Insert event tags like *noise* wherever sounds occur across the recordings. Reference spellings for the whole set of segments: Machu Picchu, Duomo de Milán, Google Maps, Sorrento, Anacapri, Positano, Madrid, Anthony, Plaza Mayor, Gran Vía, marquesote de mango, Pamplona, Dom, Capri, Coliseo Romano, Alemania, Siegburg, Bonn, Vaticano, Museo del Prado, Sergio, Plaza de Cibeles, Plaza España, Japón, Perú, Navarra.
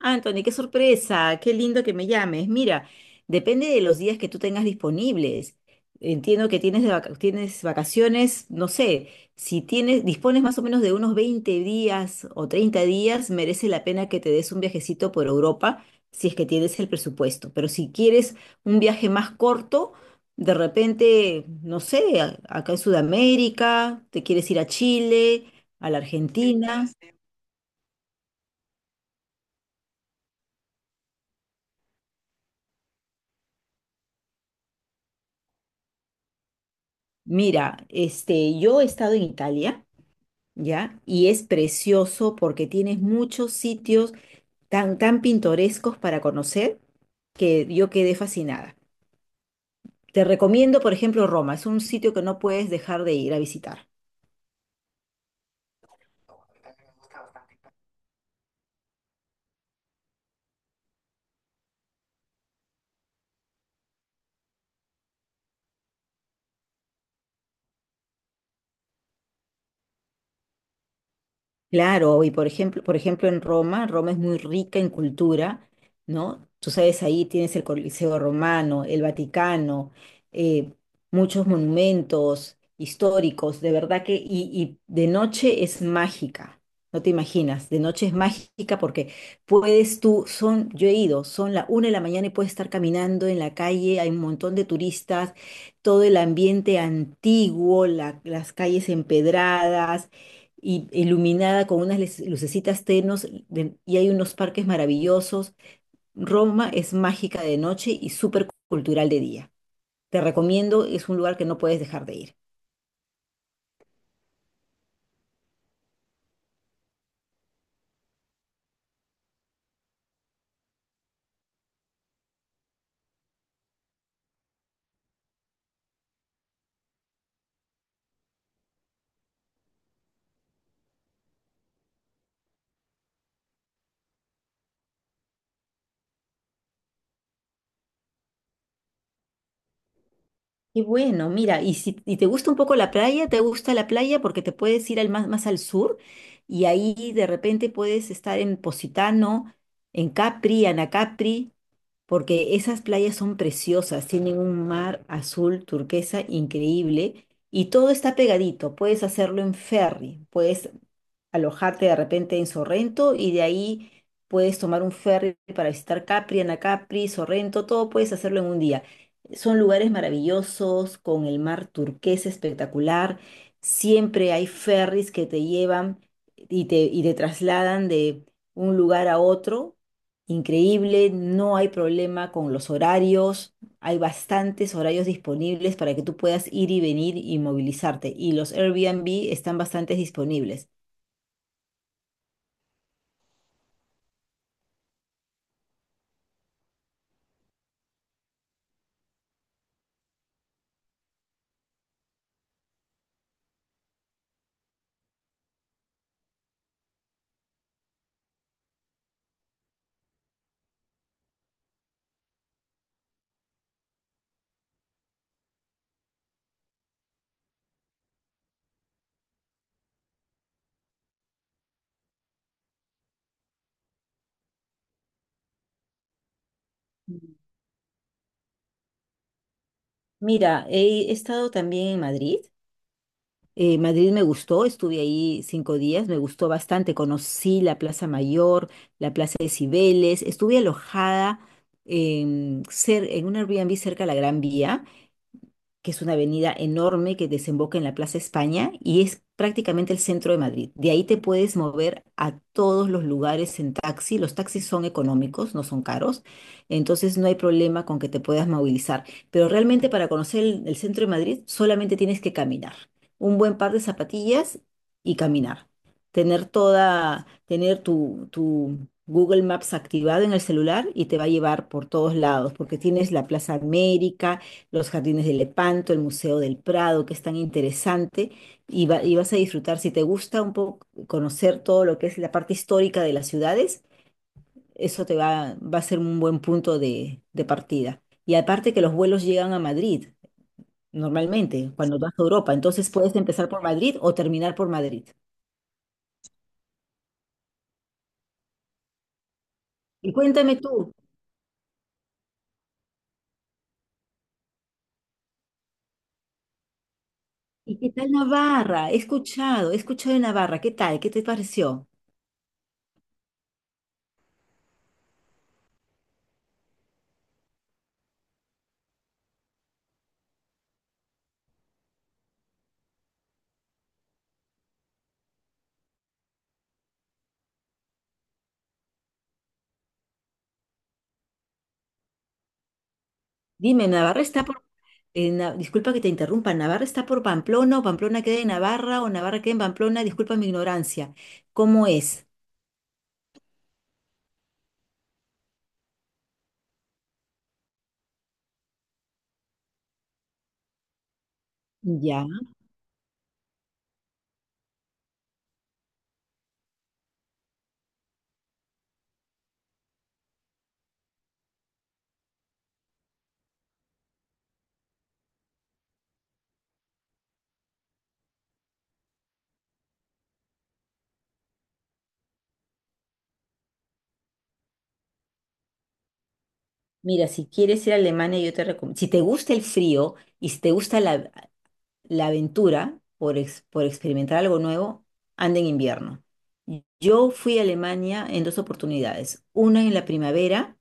Anthony, qué sorpresa, qué lindo que me llames. Mira, depende de los días que tú tengas disponibles. Entiendo que tienes, tienes vacaciones, no sé, si tienes, dispones más o menos de unos 20 días o 30 días, merece la pena que te des un viajecito por Europa si es que tienes el presupuesto. Pero si quieres un viaje más corto, de repente, no sé, acá en Sudamérica, te quieres ir a Chile, a la Argentina. Mira, este, yo he estado en Italia. ¿Ya? Y es precioso porque tienes muchos sitios tan, tan pintorescos para conocer que yo quedé fascinada. Te recomiendo, por ejemplo, Roma. Es un sitio que no puedes dejar de ir a visitar. Claro, y por ejemplo en Roma. Roma es muy rica en cultura, ¿no? Tú sabes, ahí tienes el Coliseo Romano, el Vaticano, eh, muchos monumentos históricos, de verdad que, y de noche es mágica, no te imaginas, de noche es mágica porque puedes tú, son, yo he ido, son la una de la mañana y puedes estar caminando en la calle, hay un montón de turistas, todo el ambiente antiguo, las calles empedradas y iluminada con unas lucecitas tenos y hay unos parques maravillosos. Roma es mágica de noche y súper cultural de día. Te recomiendo, es un lugar que no puedes dejar de ir. Y bueno, mira, y si y te gusta un poco la playa, te gusta la playa porque te puedes ir más al sur y ahí de repente puedes estar en Positano, en Capri, Anacapri, porque esas playas son preciosas, tienen un mar azul turquesa increíble y todo está pegadito. Puedes hacerlo en ferry, puedes alojarte de repente en Sorrento y de ahí puedes tomar un ferry para visitar Capri, Anacapri, Sorrento, todo puedes hacerlo en un día. Son lugares maravillosos, con el mar turquesa espectacular. Siempre hay ferries que te llevan y te trasladan de un lugar a otro. Increíble, no hay problema con los horarios, hay bastantes horarios disponibles para que tú puedas ir y venir y movilizarte y los Airbnb están bastante disponibles. Mira, he estado también en Madrid. Madrid me gustó, estuve ahí 5 días, me gustó bastante. Conocí la Plaza Mayor, la Plaza de Cibeles, estuve alojada en, en un Airbnb cerca de la Gran Vía, que es una avenida enorme que desemboca en la Plaza España y es prácticamente el centro de Madrid. De ahí te puedes mover a todos los lugares en taxi. Los taxis son económicos, no son caros, entonces no hay problema con que te puedas movilizar. Pero realmente para conocer el centro de Madrid solamente tienes que caminar. Un buen par de zapatillas y caminar. Tener toda, tener tu, tu Google Maps activado en el celular y te va a llevar por todos lados, porque tienes la Plaza América, los jardines de Lepanto, el Museo del Prado, que es tan interesante, y, y vas a disfrutar, si te gusta un poco conocer todo lo que es la parte histórica de las ciudades, eso te va, va a ser un buen punto de partida. Y aparte que los vuelos llegan a Madrid, normalmente, cuando vas a Europa, entonces puedes empezar por Madrid o terminar por Madrid. Y cuéntame tú, ¿y qué tal Navarra? He escuchado de Navarra, ¿qué tal? ¿Qué te pareció? Dime, Navarra está por… Disculpa que te interrumpa, ¿Navarra está por Pamplona o Pamplona queda en Navarra o Navarra queda en Pamplona? Disculpa mi ignorancia. ¿Cómo es? Ya. Mira, si quieres ir a Alemania, yo te recomiendo. Si te gusta el frío y si te gusta la aventura por, por experimentar algo nuevo, anda en invierno. Yo fui a Alemania en dos oportunidades. Una en la primavera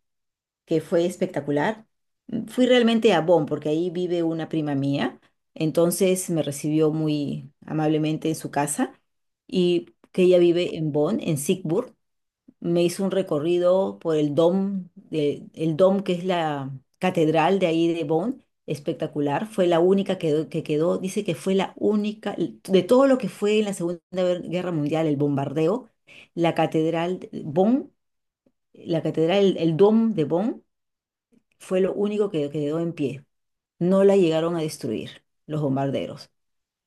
que fue espectacular. Fui realmente a Bonn, porque ahí vive una prima mía, entonces me recibió muy amablemente en su casa y que ella vive en Bonn, en Siegburg. Me hizo un recorrido por el Dom, el Dom que es la catedral de ahí de Bonn, espectacular. Fue la única que quedó, dice que fue la única, de todo lo que fue en la Segunda Guerra Mundial, el bombardeo, la catedral de Bonn, la catedral, el Dom de Bonn fue lo único que quedó en pie. No la llegaron a destruir los bombarderos.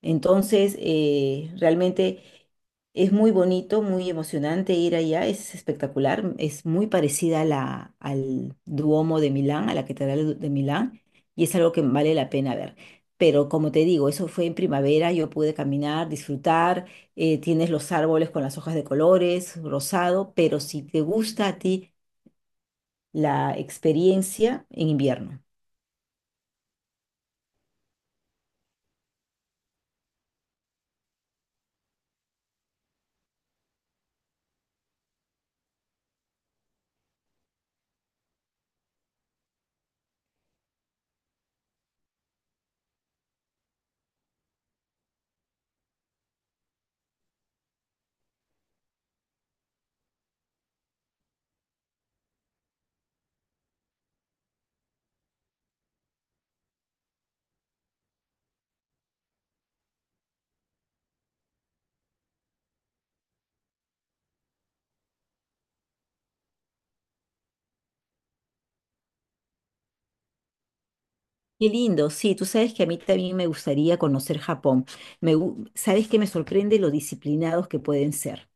Entonces, realmente es muy bonito, muy emocionante ir allá, es espectacular, es muy parecida a al Duomo de Milán, a la Catedral de Milán, y es algo que vale la pena ver. Pero como te digo, eso fue en primavera, yo pude caminar, disfrutar, tienes los árboles con las hojas de colores, rosado, pero si te gusta a ti la experiencia en invierno. Qué lindo, sí, tú sabes que a mí también me gustaría conocer Japón. Sabes que me sorprende lo disciplinados que pueden ser.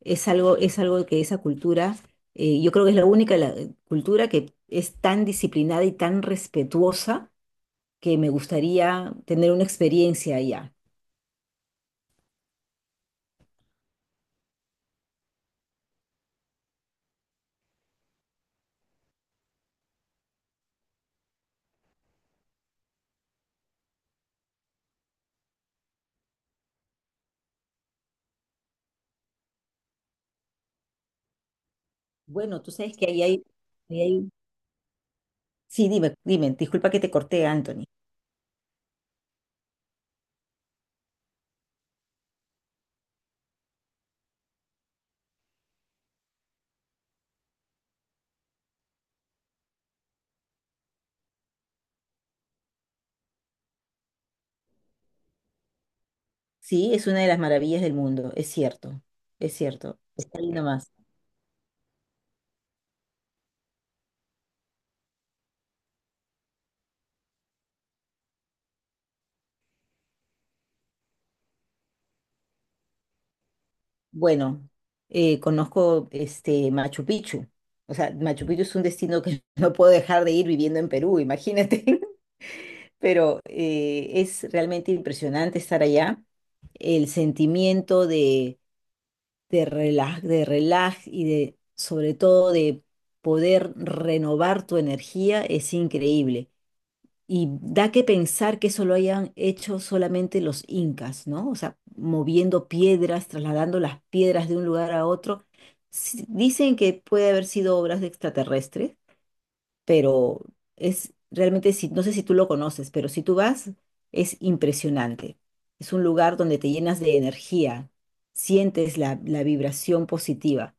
Es algo que esa cultura, yo creo que es la única cultura que es tan disciplinada y tan respetuosa que me gustaría tener una experiencia allá. Bueno, tú sabes que ahí hay, ahí hay- Sí, dime, dime, disculpa que te corté, Anthony. Sí, es una de las maravillas del mundo, es cierto, es cierto. Está ahí nomás. Bueno, conozco este Machu Picchu. O sea, Machu Picchu es un destino que *laughs* no puedo dejar de ir viviendo en Perú, imagínate. *laughs* Pero es realmente impresionante estar allá. El sentimiento de, de relaj y de, sobre todo, de poder renovar tu energía es increíble. Y da que pensar que eso lo hayan hecho solamente los incas, ¿no? O sea, moviendo piedras, trasladando las piedras de un lugar a otro. Sí, dicen que puede haber sido obras de extraterrestres, pero es realmente, si, no sé si tú lo conoces, pero si tú vas, es impresionante. Es un lugar donde te llenas de energía, sientes la vibración positiva.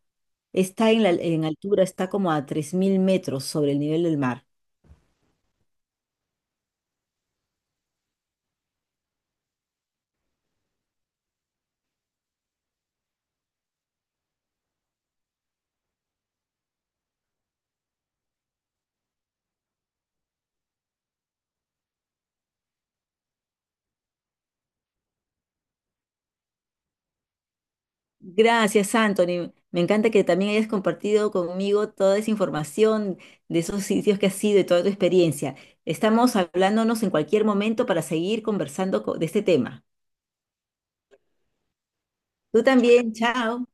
Está en en altura, está como a 3000 metros sobre el nivel del mar. Gracias, Anthony. Me encanta que también hayas compartido conmigo toda esa información de esos sitios que has ido y toda tu experiencia. Estamos hablándonos en cualquier momento para seguir conversando de este tema. Tú también, chao.